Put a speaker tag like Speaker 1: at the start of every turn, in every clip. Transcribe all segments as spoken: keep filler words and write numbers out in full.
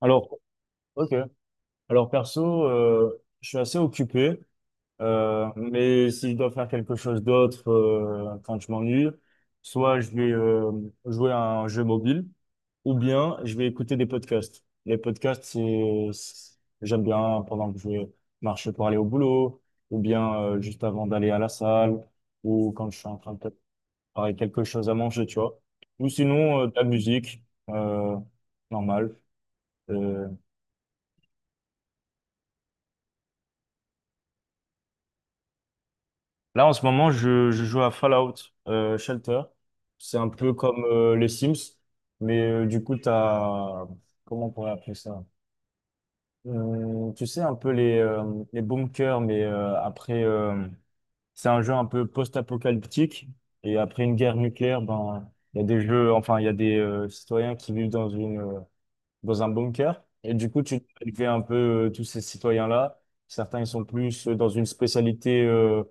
Speaker 1: Alors, ok. Alors perso, euh, je suis assez occupé, euh, mais si je dois faire quelque chose d'autre euh, quand je m'ennuie, soit je vais euh, jouer à un jeu mobile, ou bien je vais écouter des podcasts. Les podcasts, c'est, c'est- j'aime bien pendant que je marche pour aller au boulot, ou bien euh, juste avant d'aller à la salle, ou quand je suis en train de préparer quelque chose à manger, tu vois. Ou sinon, euh, de la musique, euh, normale. euh, Là, en ce moment, je, je joue à Fallout euh, Shelter. C'est un peu comme euh, les Sims, mais euh, du coup, t'as Comment on pourrait appeler ça? Hum, tu sais, un peu les, euh, les bunkers, mais euh, après, euh, c'est un jeu un peu post-apocalyptique. Et après une guerre nucléaire, ben, il y a des jeux, enfin, il y a des euh, citoyens qui vivent dans une, euh, dans un bunker. Et du coup, tu dois élever un peu euh, tous ces citoyens-là. Certains, ils sont plus euh, dans une spécialité euh,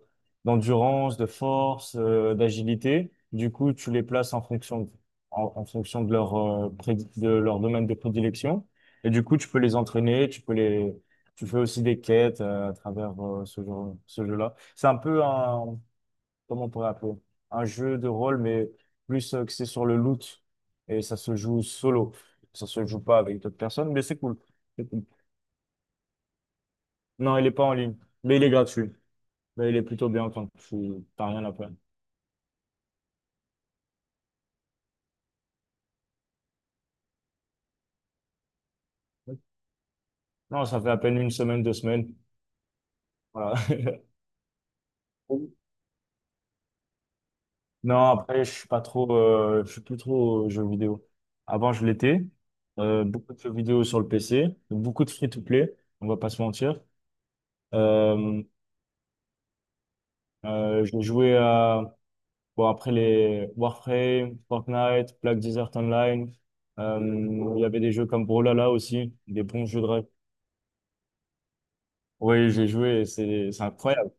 Speaker 1: d'endurance, de force, euh, d'agilité. Du coup, tu les places en fonction de, en, en fonction de leur, euh, prédi- de leur domaine de prédilection. Et du coup, tu peux les entraîner, tu peux les, tu fais aussi des quêtes euh, à travers euh, ce jeu, ce jeu-là. C'est un peu un, comment on pourrait appeler? Un jeu de rôle, mais plus euh, axé sur le loot. Et ça se joue solo. Ça se joue pas avec d'autres personnes, mais c'est cool. C'est cool. Non, il est pas en ligne, mais il est gratuit. Mais il est plutôt bien quand tu t'as rien à perdre. Non, ça fait à peine une semaine, deux semaines. Voilà. Non, après, je suis pas trop, euh, je suis plus trop euh, jeux vidéo. Avant, je l'étais. Euh, beaucoup de jeux vidéo sur le P C, beaucoup de free-to-play, on va pas se mentir. Euh, euh, j'ai joué à Bon, après les Warframe, Fortnite, Black Desert Online, euh, il y avait des jeux comme Brawlhalla aussi, des bons jeux de rêve. Oui, j'ai joué et c'est c'est incroyable.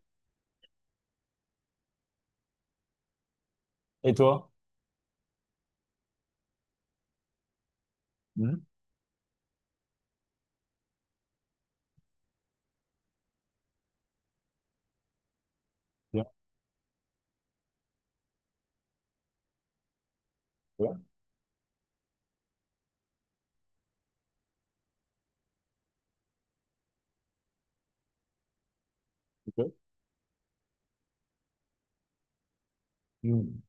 Speaker 1: Et toi? Mhm. Bien, ouais, ok. Hmm,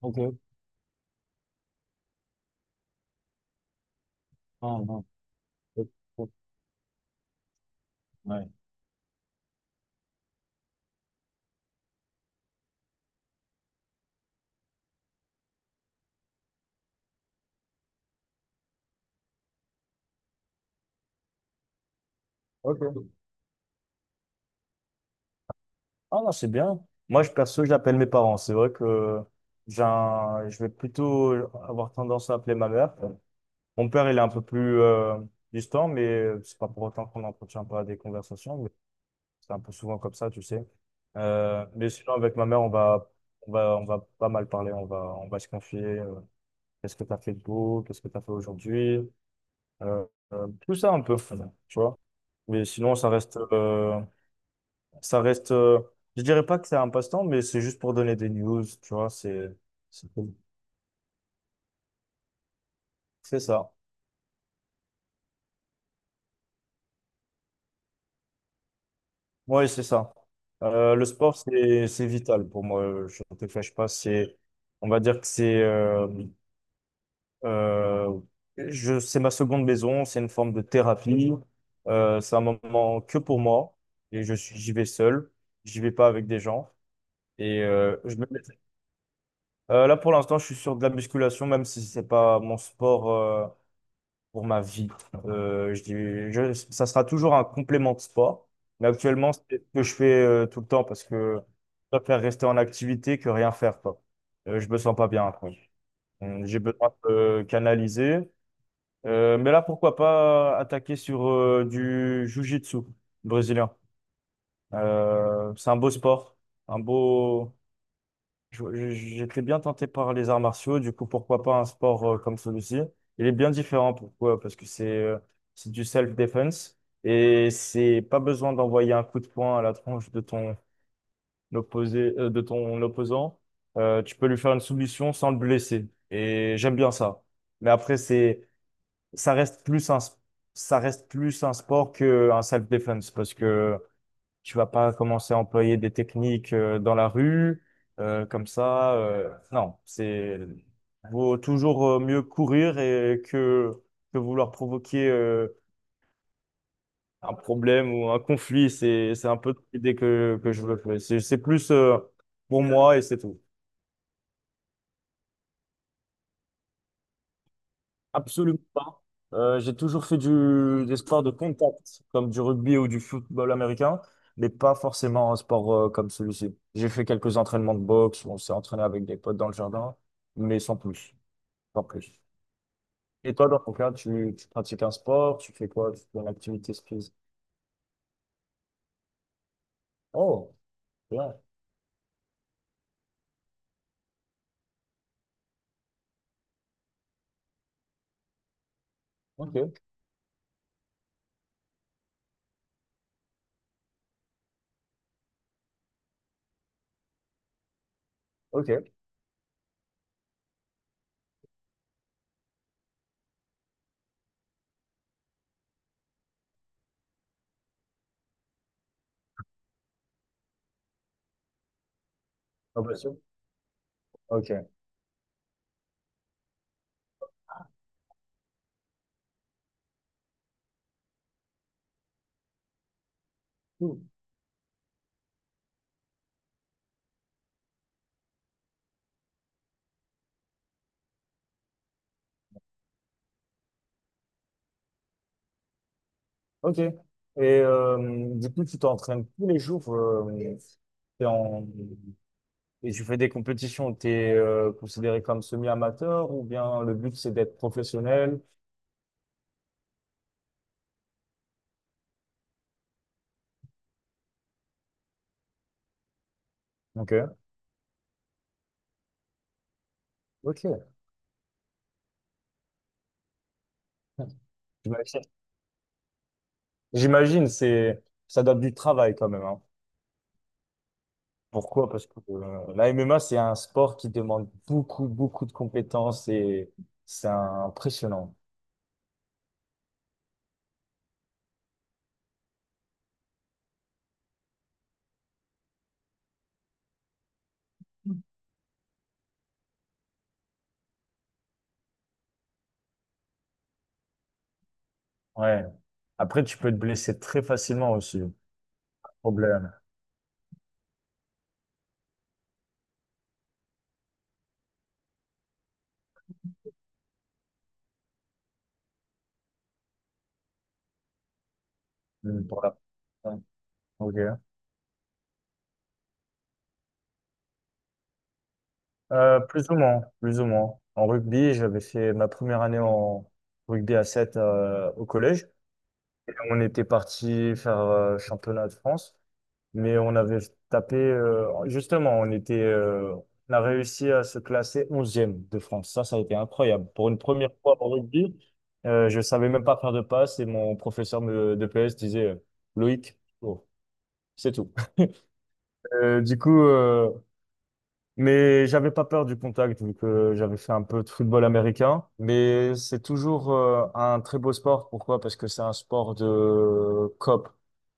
Speaker 1: Ok. Ah, non. Ok, ok, ouais. Ok. Ah non, c'est bien. Moi, je perso, j'appelle mes parents. C'est vrai que j'ai un- je vais plutôt avoir tendance à appeler ma mère. Mon père, il est un peu plus euh, distant, mais c'est pas pour autant qu'on n'entretient pas des conversations. C'est un peu souvent comme ça, tu sais. Euh, mais sinon, avec ma mère, on va, on va, on va pas mal parler. On va, on va se confier. Euh, qu'est-ce que tu as fait de beau? Qu'est-ce que tu as fait aujourd'hui? Euh, euh, Tout ça un peu, tu vois. Mais sinon, ça reste, euh, ça reste, euh, je dirais pas que c'est un passe-temps, mais c'est juste pour donner des news, tu vois, c'est, c'est cool. C'est ça. Oui, c'est ça. Euh, le sport, c'est, c'est vital pour moi. Je ne te cache pas, c'est, on va dire que c'est, euh, Euh, je, c'est ma seconde maison, c'est une forme de thérapie. Euh, c'est un moment que pour moi et je suis, j'y vais seul, j'y vais pas avec des gens. Et euh, je me... mets- Euh, là pour l'instant, je suis sur de la musculation, même si c'est pas mon sport euh, pour ma vie. Euh, je, dis- je- Ça sera toujours un complément de sport, mais actuellement, c'est ce que je fais euh, tout le temps parce que je préfère rester en activité que rien faire, quoi. Euh, je me sens pas bien après. Hum, J'ai besoin de euh, canaliser. Euh, mais là, pourquoi pas attaquer sur euh, du jiu-jitsu brésilien. Euh, c'est un beau sport, un beau. je- je- J'étais bien tenté par les arts martiaux, du coup, pourquoi pas un sport euh, comme celui-ci? Il est bien différent, pourquoi? Parce que c'est euh, c'est du self-defense et c'est pas besoin d'envoyer un coup de poing à la tronche de ton opposé, euh, de ton opposant. Euh, tu peux lui faire une soumission sans le blesser et j'aime bien ça. Mais après, c'est ça reste plus un, s- ça reste plus un sport qu'un self-defense parce que tu vas pas commencer à employer des techniques euh, dans la rue euh, comme ça. Euh, non, c'est vaut toujours euh, mieux courir et que, que vouloir provoquer euh, un problème ou un conflit. C'est, c'est un peu l'idée que, que je veux faire. C'est c'est plus euh, pour moi et c'est tout. Absolument pas. Euh, j'ai toujours fait du, des sports de contact, comme du rugby ou du football américain, mais pas forcément un sport euh, comme celui-ci. J'ai fait quelques entraînements de boxe, on s'est entraîné avec des potes dans le jardin, mais sans plus, sans plus. Et toi, dans ton cas, tu, tu pratiques un sport, tu fais quoi? Tu fais une activité physique? Oh, bien. Ok, ok. Ah bah, sûr. Ok. Cool. Ok. Et euh, du coup, tu t'entraînes tous les jours. euh, t'es en, Et tu fais des compétitions, tu es euh, considéré comme semi-amateur ou bien le but c'est d'être professionnel? Ok, ok. J'imagine, J'imagine, c'est, ça donne du travail quand même, hein. Pourquoi? Parce que euh, la M M A, c'est un sport qui demande beaucoup, beaucoup de compétences et c'est impressionnant. Ouais. Après, tu peux te blesser très facilement aussi. Problème. Mm, Pour la... Ouais. Ok. Euh, plus ou moins, plus ou moins. En rugby, j'avais fait ma première année en rugby à sept euh, au collège. Et on était parti faire euh, championnat de France, mais on avait tapé, euh, justement, on était, euh, on a réussi à se classer onzième de France. Ça, ça a été incroyable. Pour une première fois en rugby, euh, je savais même pas faire de passe et mon professeur me- de P S disait euh, Loïc, oh, c'est tout. Euh, du coup, euh, Mais j'avais pas peur du contact vu que j'avais fait un peu de football américain. Mais c'est toujours euh, un très beau sport. Pourquoi? Parce que c'est un sport de C O P.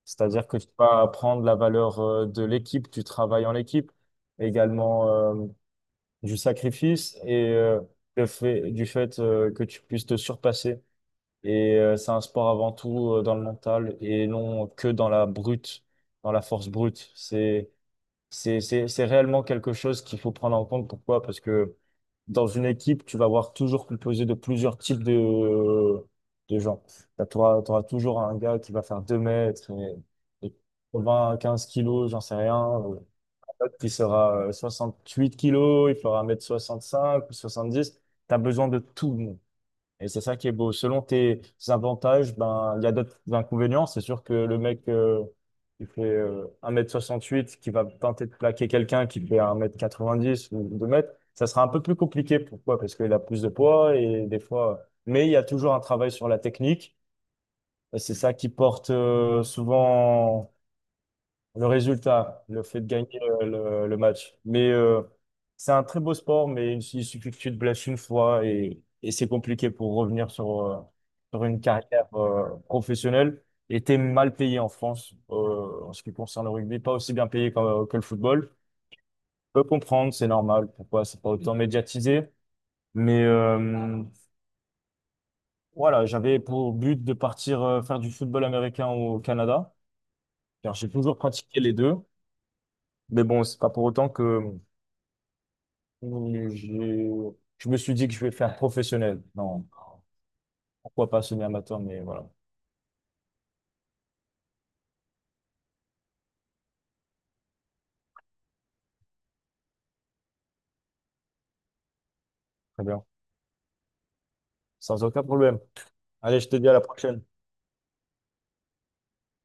Speaker 1: C'est-à-dire que tu vas apprendre la valeur euh, de l'équipe, du travail en équipe, également euh, du sacrifice et euh, le fait, du fait euh, que tu puisses te surpasser. Et euh, c'est un sport avant tout euh, dans le mental et non que dans la brute, dans la force brute. C'est c'est, c'est, c'est réellement quelque chose qu'il faut prendre en compte. Pourquoi? Parce que dans une équipe, tu vas avoir toujours composé de plusieurs types de, de gens. Bah, tu auras, toujours un gars qui va faire deux mètres et, et vingt, quinze kilos, j'en sais rien. euh, Un autre qui sera euh, soixante-huit kilos, il fera un mètre soixante-cinq ou soixante-dix. Tu as besoin de tout. Et c'est ça qui est beau. Selon tes avantages, ben, il y a d'autres inconvénients. C'est sûr que le mec euh, qui fait euh, un mètre soixante huit qui va tenter de plaquer quelqu'un qui fait un mètre quatre-vingt dix ou deux mètres, ça sera un peu plus compliqué. Pourquoi? Parce qu'il a plus de poids et des fois. Mais il y a toujours un travail sur la technique. Et c'est ça qui porte euh, souvent le résultat, le fait de gagner euh, le, le match. Mais euh, c'est un très beau sport, mais il suffit que tu te blesses une fois et, et c'est compliqué pour revenir sur, euh, sur une carrière euh, professionnelle. Et t'es mal payé en France euh, en ce qui concerne le rugby, pas aussi bien payé que, que le football. Je peux comprendre, c'est normal, pourquoi c'est pas autant médiatisé. Mais euh, voilà, j'avais pour but de partir euh, faire du football américain au Canada, car j'ai toujours pratiqué les deux. Mais bon, c'est pas pour autant que Mmh, Je, je me suis dit que je vais faire professionnel. Non, pourquoi pas semi-amateur, mais voilà. Très bien. Sans aucun problème. Allez, je te dis à la prochaine.